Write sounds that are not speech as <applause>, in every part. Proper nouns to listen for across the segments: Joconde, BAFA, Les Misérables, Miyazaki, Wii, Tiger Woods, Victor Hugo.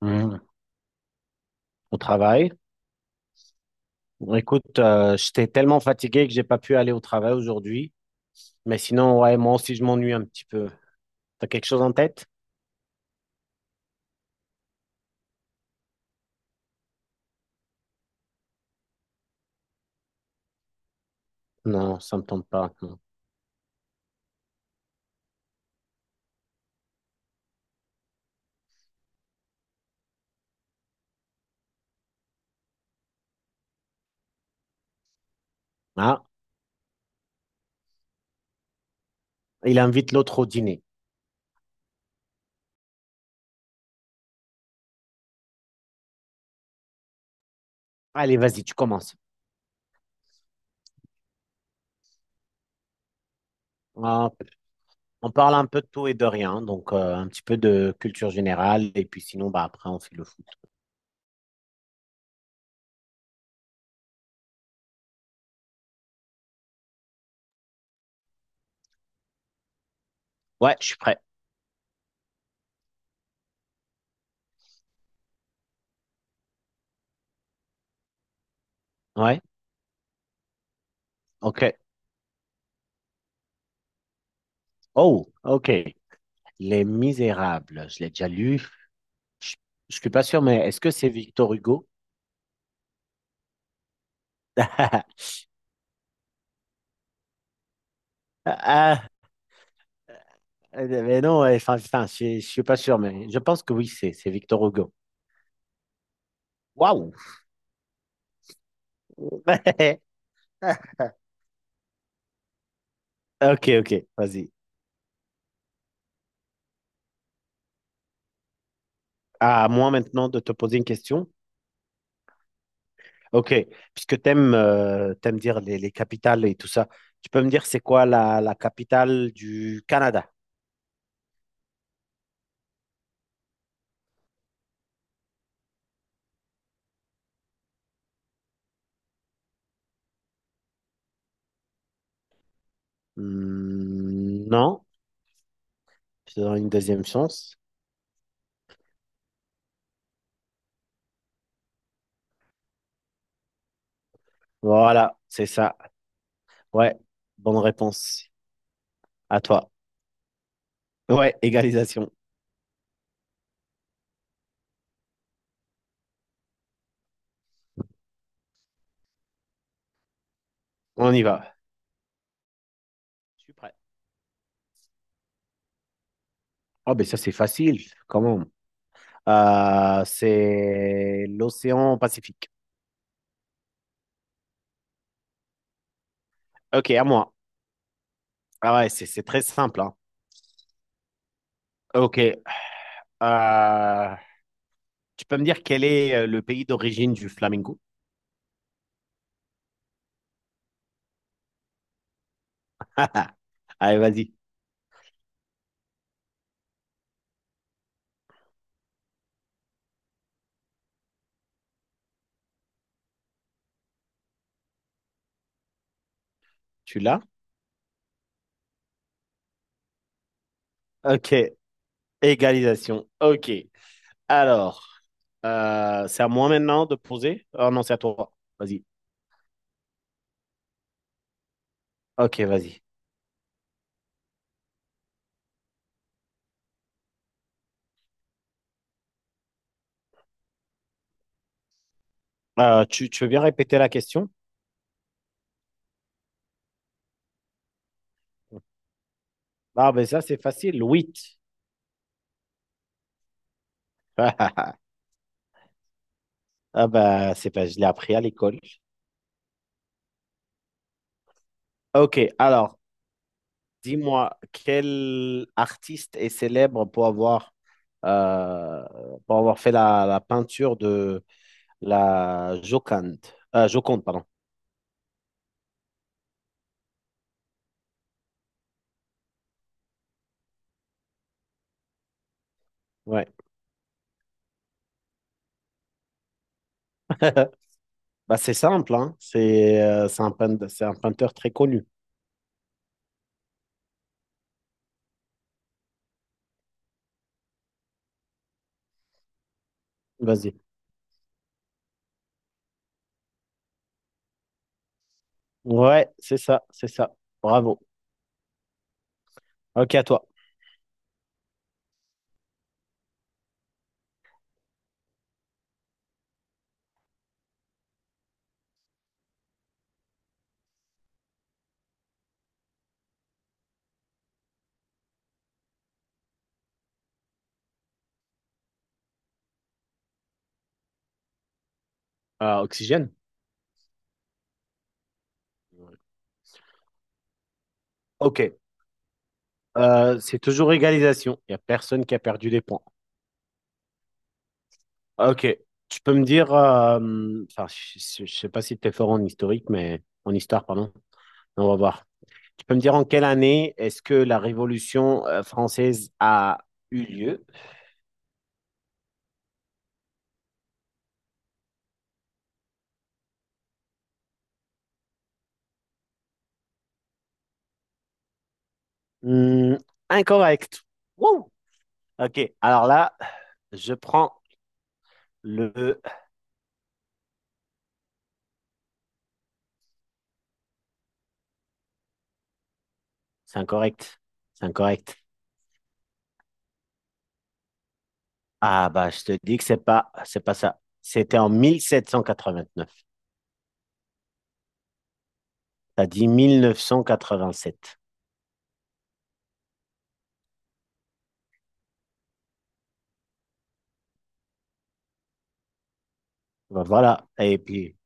Mmh. Au travail. Écoute, j'étais tellement fatigué que j'ai pas pu aller au travail aujourd'hui. Mais sinon, ouais, moi aussi, je m'ennuie un petit peu. T'as quelque chose en tête? Non, ça me tente pas, non. Ah, il invite l'autre au dîner. Allez, vas-y, tu commences. Ah, on parle un peu de tout et de rien, donc un petit peu de culture générale, et puis sinon, bah après, on fait le foot. Ouais, je suis prêt. Ouais, ok. Oh, ok. Les Misérables, je l'ai déjà lu. Je, je suis pas sûr, mais est-ce que c'est Victor Hugo? <laughs> Mais non, ouais, enfin, je suis pas sûr, mais je pense que oui, c'est Victor Hugo. Waouh! <laughs> Ok, ok, vas-y. À moi maintenant de te poser une question. Ok, puisque t'aimes dire les capitales et tout ça, tu peux me dire c'est quoi la capitale du Canada? Hmm, non, je te donne une deuxième chance. Voilà, c'est ça. Ouais, bonne réponse. À toi. Ouais, égalisation. On y va. Je suis prêt. Oh, ben ça c'est facile, comment. C'est l'océan Pacifique. Ok, à moi. Ah ouais, c'est très simple, hein. Ok, euh, tu peux me dire quel est le pays d'origine du flamingo? <laughs> Allez, vas-y. Tu l'as? Ok. Égalisation. Ok. Alors, c'est à moi maintenant de poser? Oh non, c'est à toi. Vas-y. Ok, vas-y. Tu veux bien répéter la question? Ah ben ça, c'est facile. 8. <laughs> Ah ben c'est pas, je l'ai appris à l'école. Ok, alors, dis-moi, quel artiste est célèbre euh, pour avoir fait la peinture de la Joconde? Joconde, pardon. Ouais. <laughs> Bah, c'est simple, hein. C'est c'est un peintre très connu. Vas-y. Ouais, c'est ça. Bravo. Ok, à toi. Oxygène? Ouais. Ok. C'est toujours égalisation. Il n'y a personne qui a perdu des points. Ah, ok, tu peux me dire, enfin, je ne sais pas si tu es fort en historique, mais en histoire, pardon. On va voir. Tu peux me dire en quelle année est-ce que la Révolution française a eu lieu? Hmm, incorrect. Wouh! Ok, alors là, je prends le. C'est incorrect. C'est incorrect. Ah bah, je te dis que c'est pas ça. C'était en 1789. T'as dit 1987. Bah, voilà. Et puis,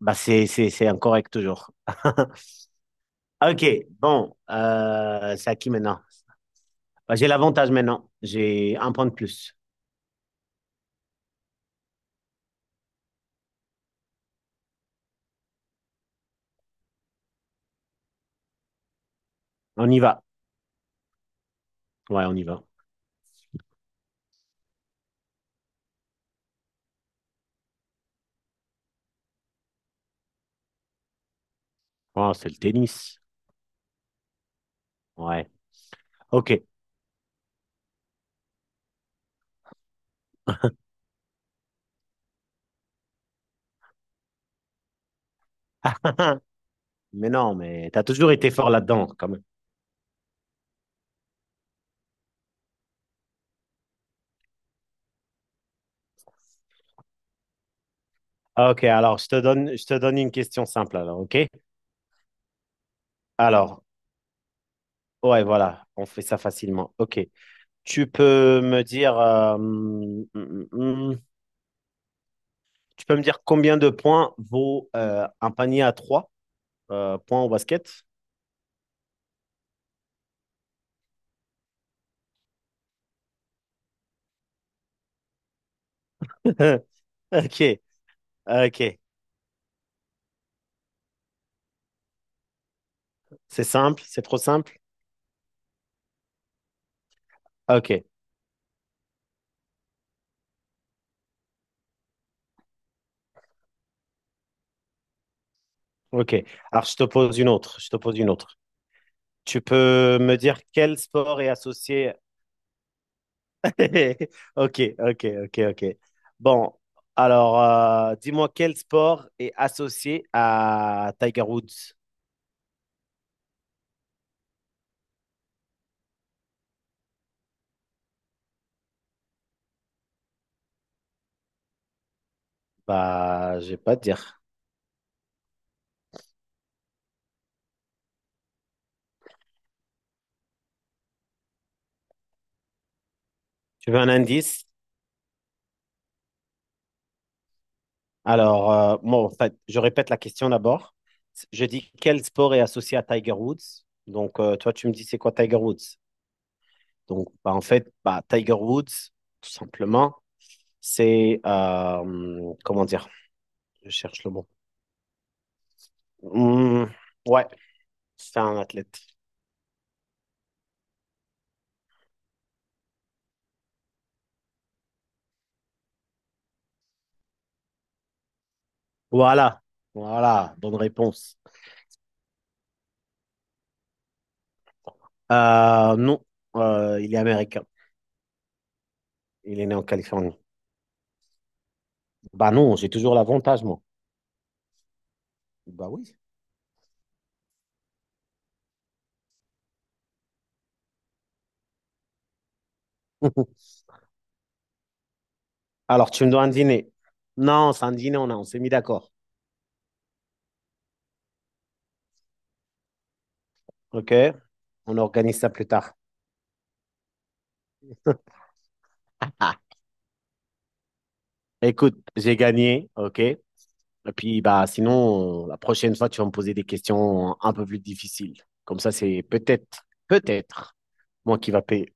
bah, c'est incorrect toujours. <laughs> Ok, bon, c'est à qui maintenant? Bah, j'ai l'avantage maintenant. J'ai un point de plus. On y va. Ouais, on y va. Oh, c'est le tennis. Ouais. Ok. <laughs> Mais non, mais t'as toujours été fort là-dedans, quand même. Ah, ok, alors je te donne une question simple, alors, ok? Alors, ouais, voilà, on fait ça facilement. Ok. Tu peux me dire, tu peux me dire combien de points vaut un panier à trois points au basket? <laughs> Hein, ok, ok. C'est simple, c'est trop simple. Ok, ok. Alors, Je te pose une autre. Tu peux me dire quel sport est associé. <laughs> Ok, ok, ok, ok. Bon, alors, dis-moi quel sport est associé à Tiger Woods? Bah, je vais pas te dire. Tu veux un indice? Alors, moi, en fait, je répète la question d'abord. Je dis quel sport est associé à Tiger Woods? Donc, toi, tu me dis c'est quoi Tiger Woods? Donc, bah, en fait, bah, Tiger Woods, tout simplement, c'est, comment dire? Je cherche le mot. Hum, ouais, c'est un athlète. Voilà, voilà, bonne réponse. Non, il est américain. Il est né en Californie. Bah non, j'ai toujours l'avantage, moi. Bah oui. <laughs> Alors, tu me dois un dîner. Non, c'est un dîner, on a, on s'est mis d'accord. OK? On organise ça plus tard. Ah, écoute, j'ai gagné. OK? Et puis, bah, sinon, la prochaine fois, tu vas me poser des questions un peu plus difficiles. Comme ça, c'est peut-être moi qui va payer.